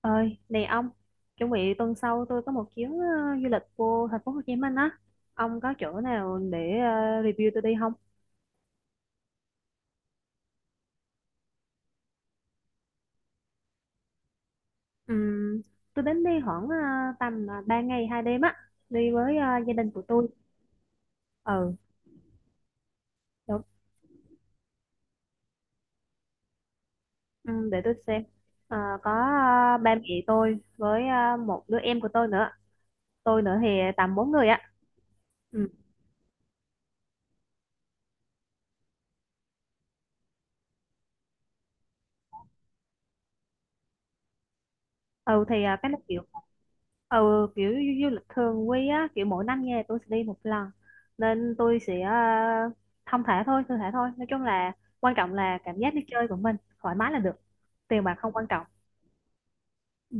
Ơi này ông, chuẩn bị tuần sau tôi có một chuyến du lịch vô thành phố Hồ Chí Minh á. Ông có chỗ nào để review tôi đi không? Ừm, tôi đến đi khoảng tầm 3 ngày hai đêm á, đi với gia đình của tôi. Ừ. Đúng. Để tôi xem. Ờ, có ba mẹ tôi với một đứa em của tôi nữa, tôi nữa thì tầm bốn người á. Ừ thì cái nó kiểu ừ kiểu du lịch thường quy á, kiểu mỗi năm nha tôi sẽ đi một lần, nên tôi sẽ thong thả thôi, thư thả thôi, nói chung là quan trọng là cảm giác đi chơi của mình thoải mái là được, tiền bạc không quan trọng. Ừ.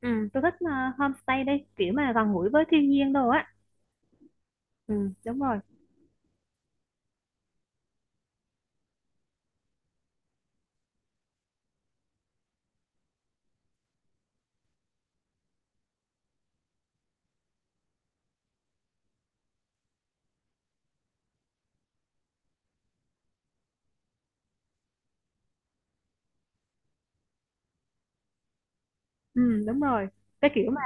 Ừ, tôi thích homestay đi, kiểu mà gần gũi với thiên nhiên đồ á. Ừ, đúng rồi. Ừ, đúng rồi, cái kiểu mà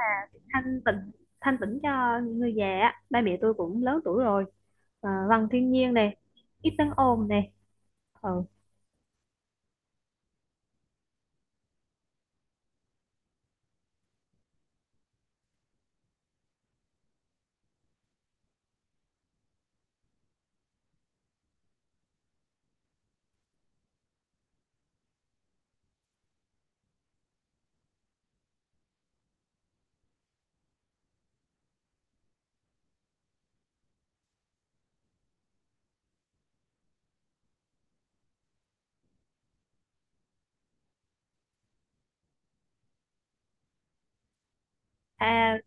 thanh tịnh, thanh tịnh cho người già á, ba mẹ tôi cũng lớn tuổi rồi, gần thiên nhiên này, ít tiếng ồn này. Ừ. À.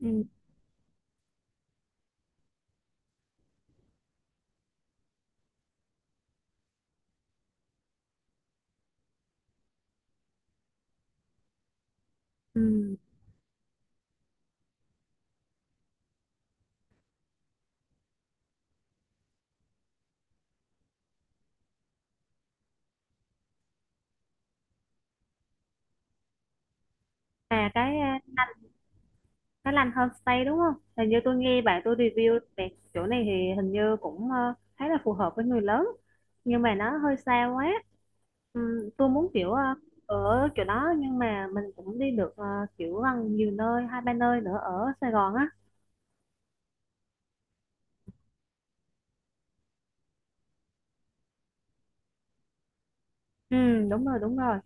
Ừ. Ừ. Là cái cái Lanh Homestay đúng không? Hình như tôi nghe bạn tôi review về chỗ này thì hình như cũng khá là phù hợp với người lớn, nhưng mà nó hơi xa quá. Tôi muốn kiểu ở chỗ đó nhưng mà mình cũng đi được kiểu gần nhiều nơi, hai ba nơi nữa ở Sài Gòn á. Ừ, đúng rồi, đúng rồi.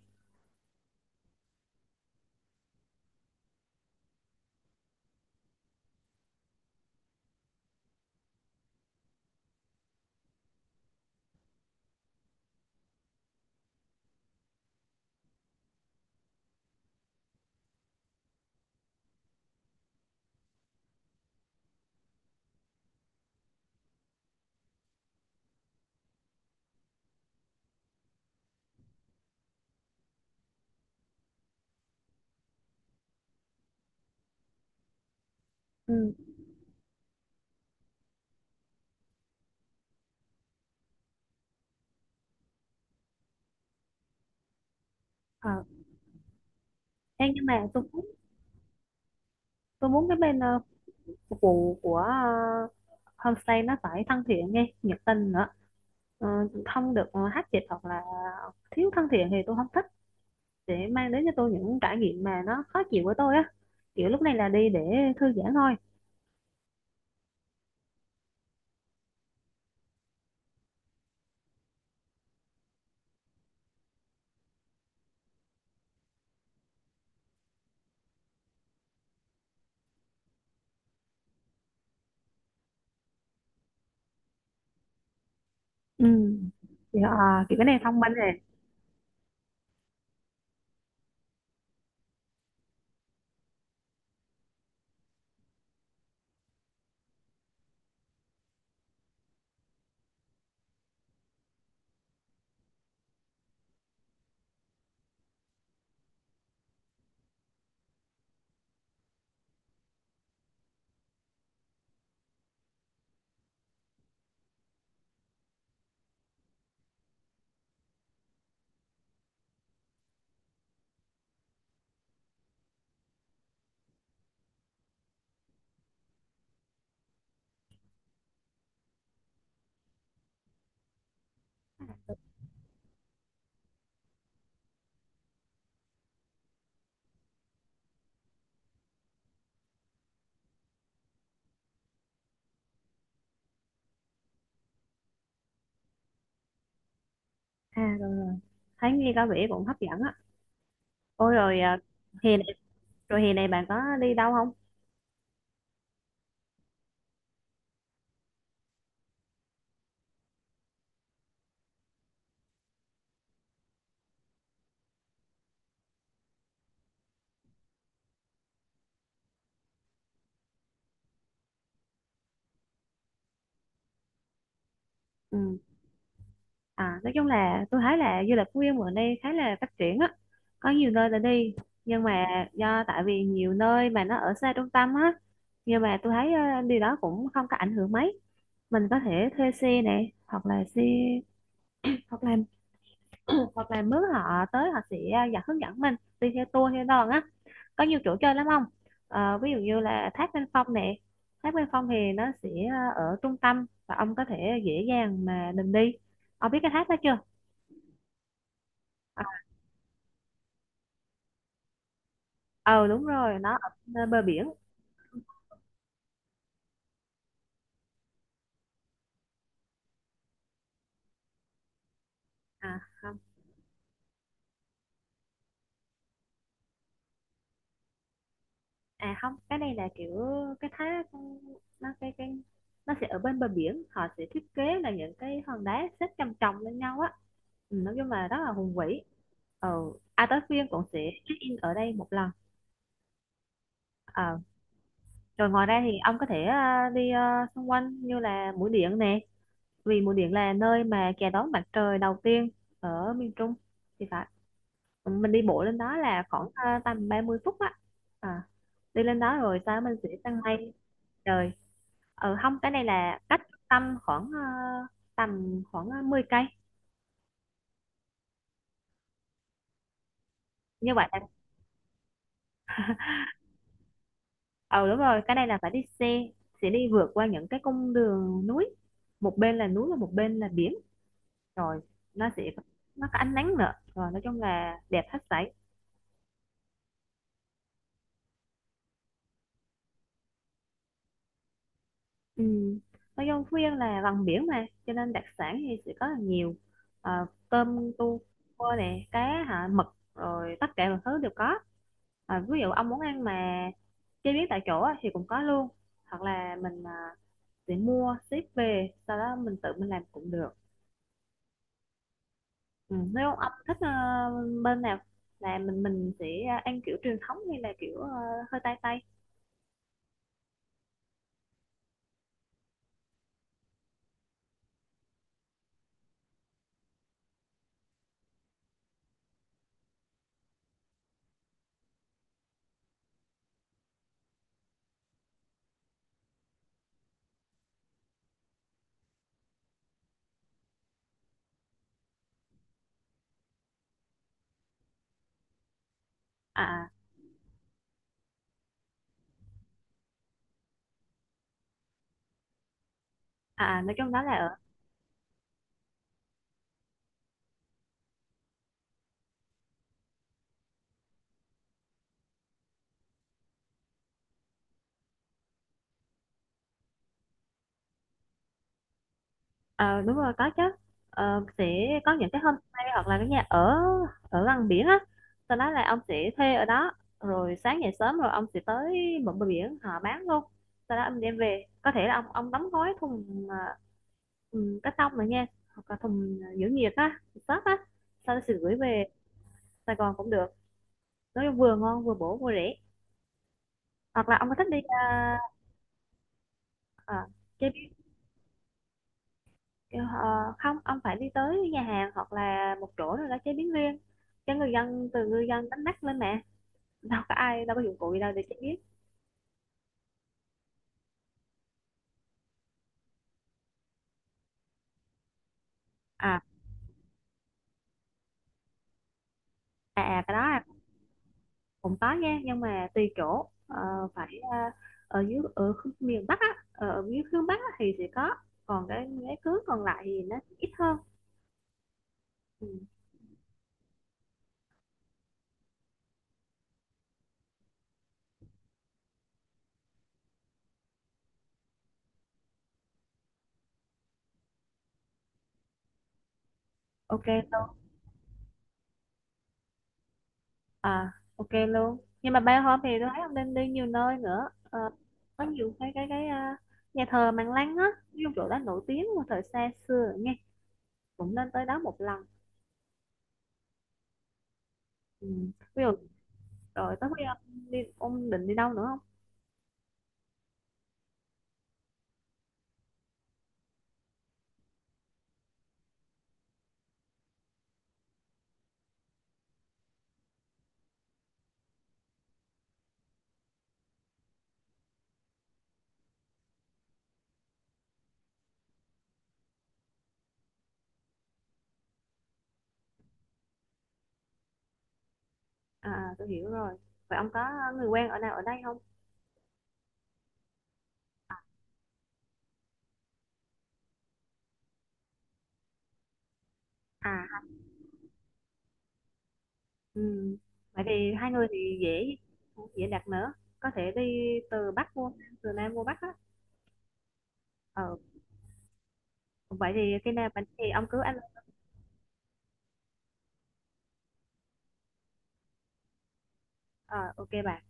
Ừ. Ờ. Ê, nhưng mà tôi muốn, tôi muốn cái bên phục vụ của homestay nó phải thân thiện nghe, nhiệt tình nữa. Ờ, không được hát dịch hoặc là thiếu thân thiện thì tôi không thích, để mang đến cho tôi những trải nghiệm mà nó khó chịu với tôi á, kiểu lúc này là đi để thư giãn thôi. Ừ thì, kiểu cái này thông minh này. À rồi rồi, thấy nghe có vẻ cũng hấp dẫn á. Ôi rồi, hè này, rồi hè này bạn có đi đâu không? Ừ. À, nói chung là tôi thấy là du lịch Phú Yên bữa nay khá là phát triển á, có nhiều nơi để đi. Nhưng mà do tại vì nhiều nơi mà nó ở xa trung tâm á, nhưng mà tôi thấy điều đó cũng không có ảnh hưởng mấy. Mình có thể thuê xe này, hoặc là xe, hoặc là hoặc là mướn họ tới, họ sẽ dẫn, hướng dẫn mình đi theo tour theo đoàn á. Có nhiều chỗ chơi lắm không? Ờ, ví dụ như là Thác Bên Phong nè. Thác Bên Phong thì nó sẽ ở trung tâm và ông có thể dễ dàng mà mình đi. Ông biết cái thác đó chưa? Ờ đúng rồi, nó ở nơi bờ biển. À không. À không, cái này là kiểu cái thác nó cái nó sẽ ở bên bờ biển, họ sẽ thiết kế là những cái hòn đá xếp chồng chồng lên nhau á. Ừ, nói chung là rất là hùng vĩ. Ờ. À tới phiên cũng sẽ check in ở đây một lần. Ờ. Rồi ngoài ra thì ông có thể đi xung quanh như là Mũi Điện nè, vì Mũi Điện là nơi mà chào đón mặt trời đầu tiên ở miền Trung thì phải. Mình đi bộ lên đó là khoảng tầm 30 phút á. À, đi lên đó rồi sau đó mình sẽ tăng ngay. Trời, ờ không, cái này là cách trung tâm khoảng tầm khoảng 10 cây. Như vậy là ờ đúng rồi, cái này là phải đi xe, sẽ đi vượt qua những cái cung đường núi, một bên là núi và một bên là biển. Rồi nó sẽ, nó có ánh nắng nữa, rồi nói chung là đẹp hết sảy. Ừ. Ở Dân Phú là gần biển mà, cho nên đặc sản thì sẽ có là nhiều. Ờ, tôm, cua nè, cá, hả, mực, rồi tất cả mọi thứ đều có. Ờ, ví dụ ông muốn ăn mà chế biến tại chỗ á, thì cũng có luôn, hoặc là mình sẽ mua ship về sau đó mình tự mình làm cũng được. Ừ. Nếu ông thích bên nào là mình sẽ ăn kiểu truyền thống hay là kiểu hơi tây tây. À. Nói chung đó là Ờ, đúng rồi có chứ. Ờ, sẽ có những cái homestay hoặc là cái nhà ở ở gần biển á, sau đó là ông sẽ thuê ở đó, rồi sáng dậy sớm rồi ông sẽ tới bờ bờ biển họ bán luôn, sau đó ông đem về, có thể là ông đóng gói thùng thùng cắt tông rồi nha, hoặc là thùng giữ nhiệt á, shop á, sau đó sẽ gửi về Sài Gòn cũng được, nói chung vừa ngon vừa bổ vừa rẻ. Hoặc là ông có thích đi à, à, Ờ, không ông phải đi tới nhà hàng hoặc là một chỗ rồi đó chế biến riêng cho người dân, từ người dân đánh bắt lên mà, đâu có ai, đâu có dụng cụ gì đâu để chế biến. À, à cái đó cũng có nha, nhưng mà tùy chỗ. Ờ, phải ở dưới ở miền Bắc á, ở ở dưới hướng Bắc á, thì sẽ có, còn cái cứ còn lại thì nó ít hơn. Ừ. Ok. À ok luôn, nhưng mà bay hôm thì tôi thấy ông nên đi nhiều nơi nữa. Ờ, có nhiều cái nhà thờ Mạn Lăng á, ví dụ chỗ đó nổi tiếng một thời xa xưa nghe, cũng nên tới đó một lần. Ừ. Ví dụ rồi, tới khi ông đi ông định đi đâu nữa không? À tôi hiểu rồi, vậy ông có người quen ở nào ở đây không? À. Ừ. Vậy thì hai người thì dễ, dễ đặt nữa, có thể đi từ Bắc vô Nam, từ Nam vô Bắc á. Ờ. Vậy thì khi nào bạn thì ông cứ alo. Ờ ok bà.